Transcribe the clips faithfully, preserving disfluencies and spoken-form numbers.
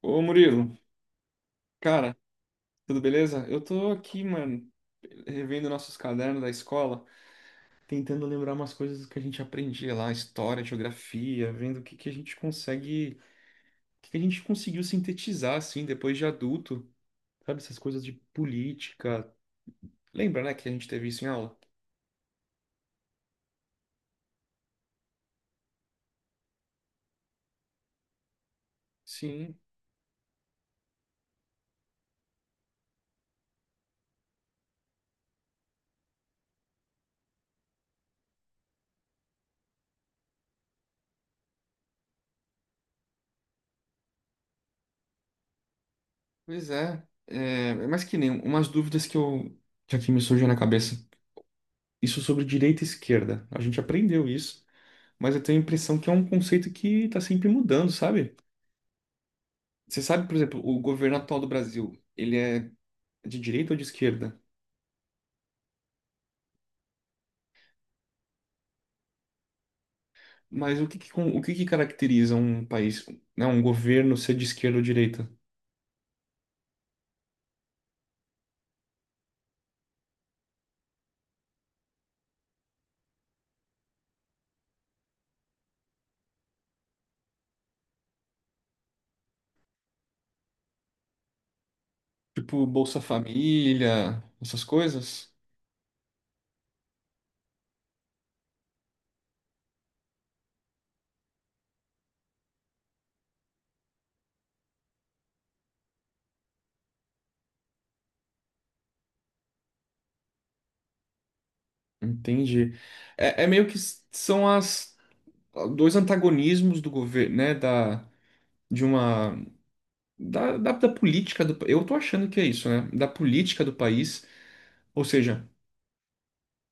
Ô Murilo, cara, tudo beleza? Eu tô aqui, mano, revendo nossos cadernos da escola, tentando lembrar umas coisas que a gente aprendia lá, história, geografia, vendo o que que a gente consegue, o que que a gente conseguiu sintetizar assim depois de adulto, sabe, essas coisas de política. Lembra, né, que a gente teve isso em aula? Sim, pois é. É, mas que nem umas dúvidas que eu que aqui me surgiu na cabeça. Isso sobre direita e esquerda. A gente aprendeu isso. Mas eu tenho a impressão que é um conceito que tá sempre mudando, sabe? Você sabe, por exemplo, o governo atual do Brasil, ele é de direita ou de esquerda? Mas o que que, con- o que que caracteriza um país, né, um governo ser de esquerda ou direita? Tipo Bolsa Família, essas coisas? Entendi. É, é meio que s- são as dois antagonismos do governo, né, da de uma da, da, da política do, pa- eu tô achando que é isso, né, da política do país, ou seja,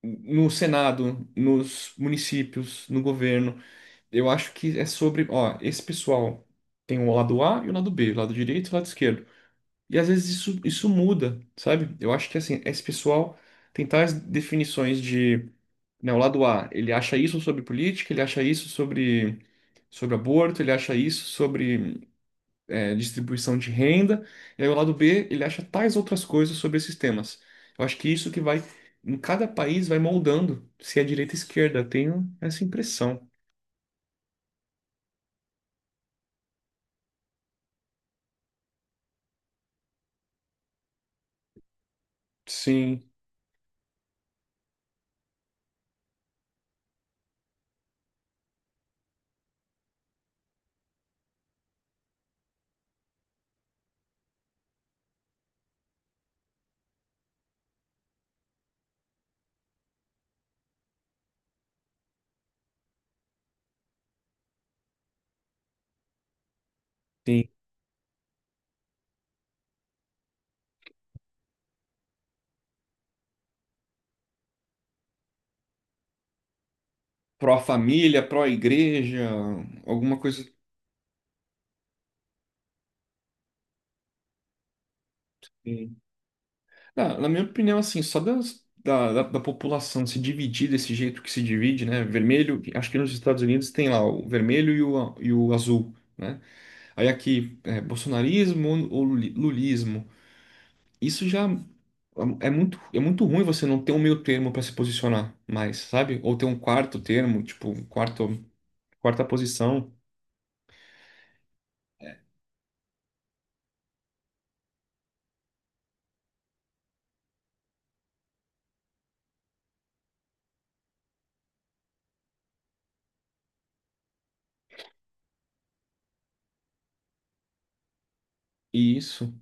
no Senado, nos municípios, no governo. Eu acho que é sobre, ó, esse pessoal tem o lado A e o lado B, o lado direito e o lado esquerdo. E às vezes isso, isso muda, sabe? Eu acho que assim, esse pessoal tem tais definições de, né, o lado A, ele acha isso sobre política, ele acha isso sobre, sobre aborto, ele acha isso sobre é, distribuição de renda, e aí o lado B, ele acha tais outras coisas sobre esses temas. Eu acho que isso que vai, em cada país, vai moldando se é direita ou esquerda. Eu tenho essa impressão. Sim, sim. Pró-família, pró-igreja, alguma coisa. Assim. Na, na minha opinião, assim, só das- da, da, da população se dividir desse jeito que se divide, né? Vermelho, acho que nos Estados Unidos tem lá o vermelho e o, a- e o azul, né? Aí aqui, é, bolsonarismo ou luli- lulismo. Isso já. É muito, é muito ruim você não ter um meio termo para se posicionar mais, sabe? Ou ter um quarto termo, tipo, um quarto, quarta posição. E isso,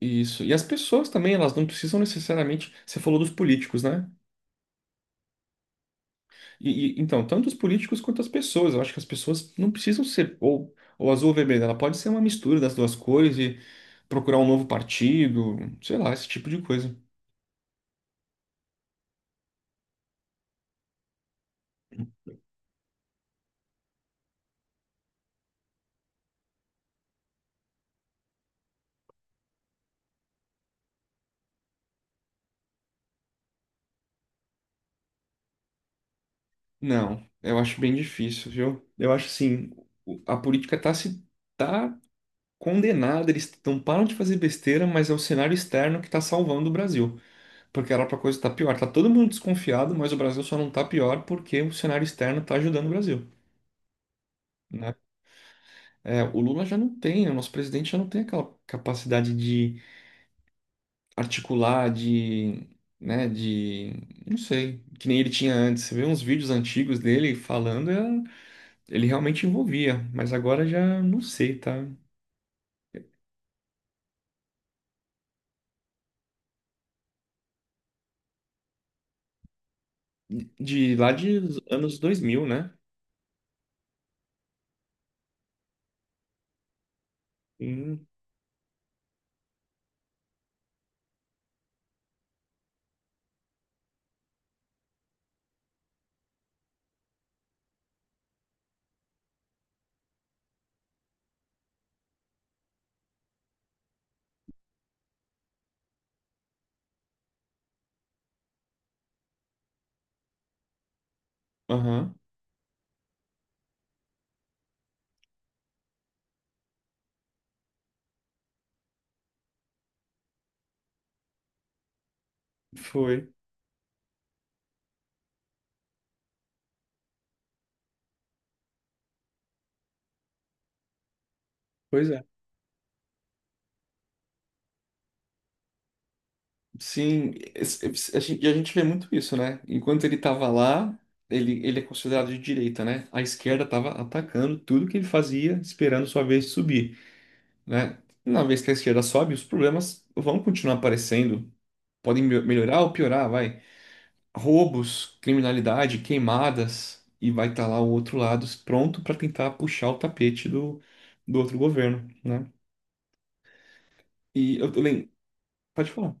e isso. E as pessoas também, elas não precisam necessariamente. Você falou dos políticos, né? E, e- então, tanto os políticos quanto as pessoas. Eu acho que as pessoas não precisam ser ou, ou azul ou vermelho. Ela pode ser uma mistura das duas cores e procurar um novo partido, sei lá, esse tipo de coisa. Não, eu acho bem difícil, viu? Eu acho assim, o- a política tá se tá condenada, eles não param de fazer besteira, mas é o cenário externo que está salvando o Brasil, porque era para coisa estar pior. Tá todo mundo desconfiado, mas o Brasil só não tá pior porque o cenário externo está ajudando o Brasil, né? É, o Lula já não tem, o nosso presidente já não tem aquela capacidade de articular, de, né, de, não sei, que nem ele tinha antes. Você vê uns vídeos antigos dele falando, é- ele realmente envolvia, mas agora já não sei, tá? De lá de anos dois mil, né? Hum. Aham. Foi. Pois é. Sim, es- es- a gente- e a gente vê muito isso, né? Enquanto ele estava lá, ele, ele é considerado de direita, né? A esquerda estava atacando tudo que ele fazia, esperando sua vez de subir, né? Na vez que a esquerda sobe, os problemas vão continuar aparecendo. Podem me- melhorar ou piorar, vai. Roubos, criminalidade, queimadas, e vai estar lá o outro lado pronto para tentar puxar o tapete do, do outro governo, né? E eu, eu lembro. Pode falar.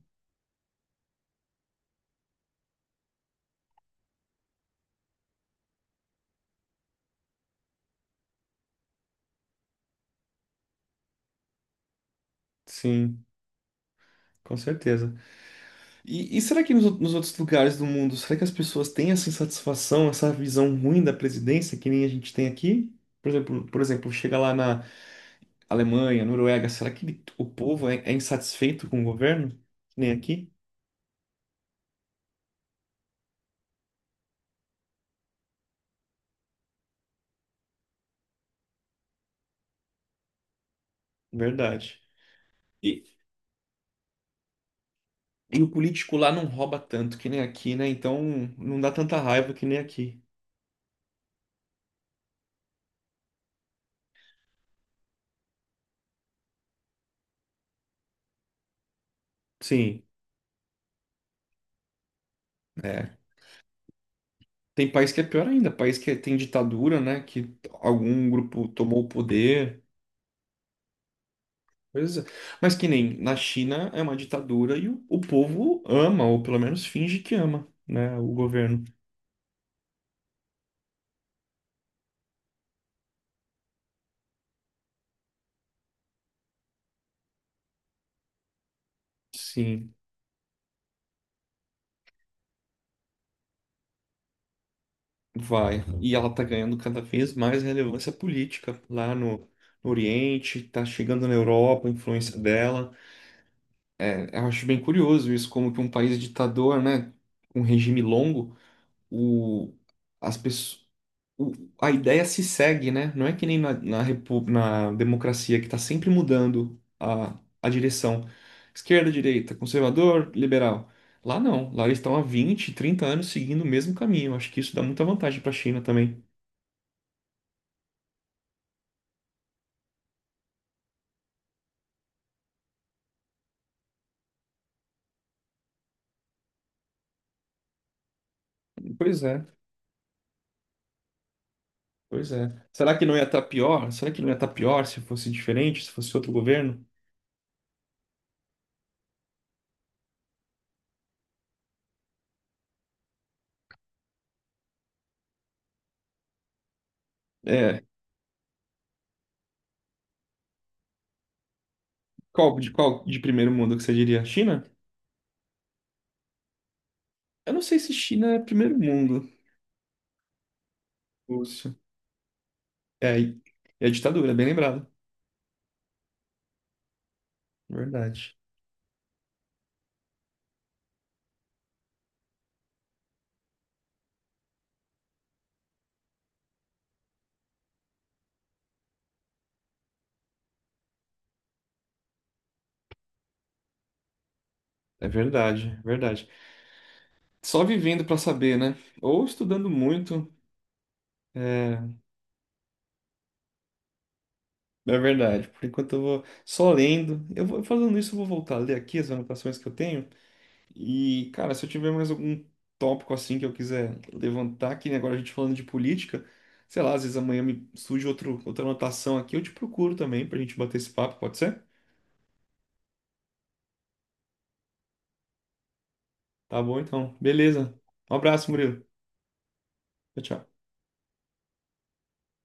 Sim, com certeza. E, e será que nos, nos outros lugares do mundo, será que as pessoas têm essa insatisfação, essa visão ruim da presidência que nem a gente tem aqui? Por exemplo, por exemplo, chega lá na Alemanha, Noruega, será que o povo é, é insatisfeito com o governo? Que nem aqui? Verdade. E, e o político lá não rouba tanto que nem aqui, né? Então não dá tanta raiva que nem aqui. Sim, é. Tem país que é pior ainda, país que tem ditadura, né? Que algum grupo tomou o poder. Pois é. Mas que nem na China é uma ditadura e o, o povo ama, ou pelo menos finge que ama, né, o governo. Sim, vai. E ela tá ganhando cada vez mais relevância política lá no, no Oriente, tá chegando na Europa, a influência dela. É, eu acho bem curioso isso, como que um país ditador, né, um regime longo, o, as pessoas. o- a ideia se segue, né? Não é que nem na, na, repu- na democracia, que está sempre mudando a, a direção. Esquerda, direita, conservador, liberal. Lá não. Lá eles estão há vinte, trinta anos seguindo o mesmo caminho. Acho que isso dá muita vantagem para a China também. Pois é, pois é. Será que não ia estar pior? Será que não ia estar pior se fosse diferente, se fosse outro governo? É, qual de qual de primeiro mundo que você diria? China? Eu não sei se China é primeiro mundo, Lúcio. É, é ditadura, bem lembrado. Verdade. É verdade, é verdade. Só vivendo para saber, né? Ou estudando muito, é, é verdade. Por enquanto eu vou só lendo. Eu vou fazendo isso, eu vou voltar a ler aqui as anotações que eu tenho. E, cara, se eu tiver mais algum tópico assim que eu quiser levantar, que nem agora a gente falando de política, sei lá, às vezes amanhã me surge outro, outra anotação aqui, eu te procuro também pra gente bater esse papo, pode ser? Tá bom, então. Beleza. Um abraço, Murilo. Tchau, tchau.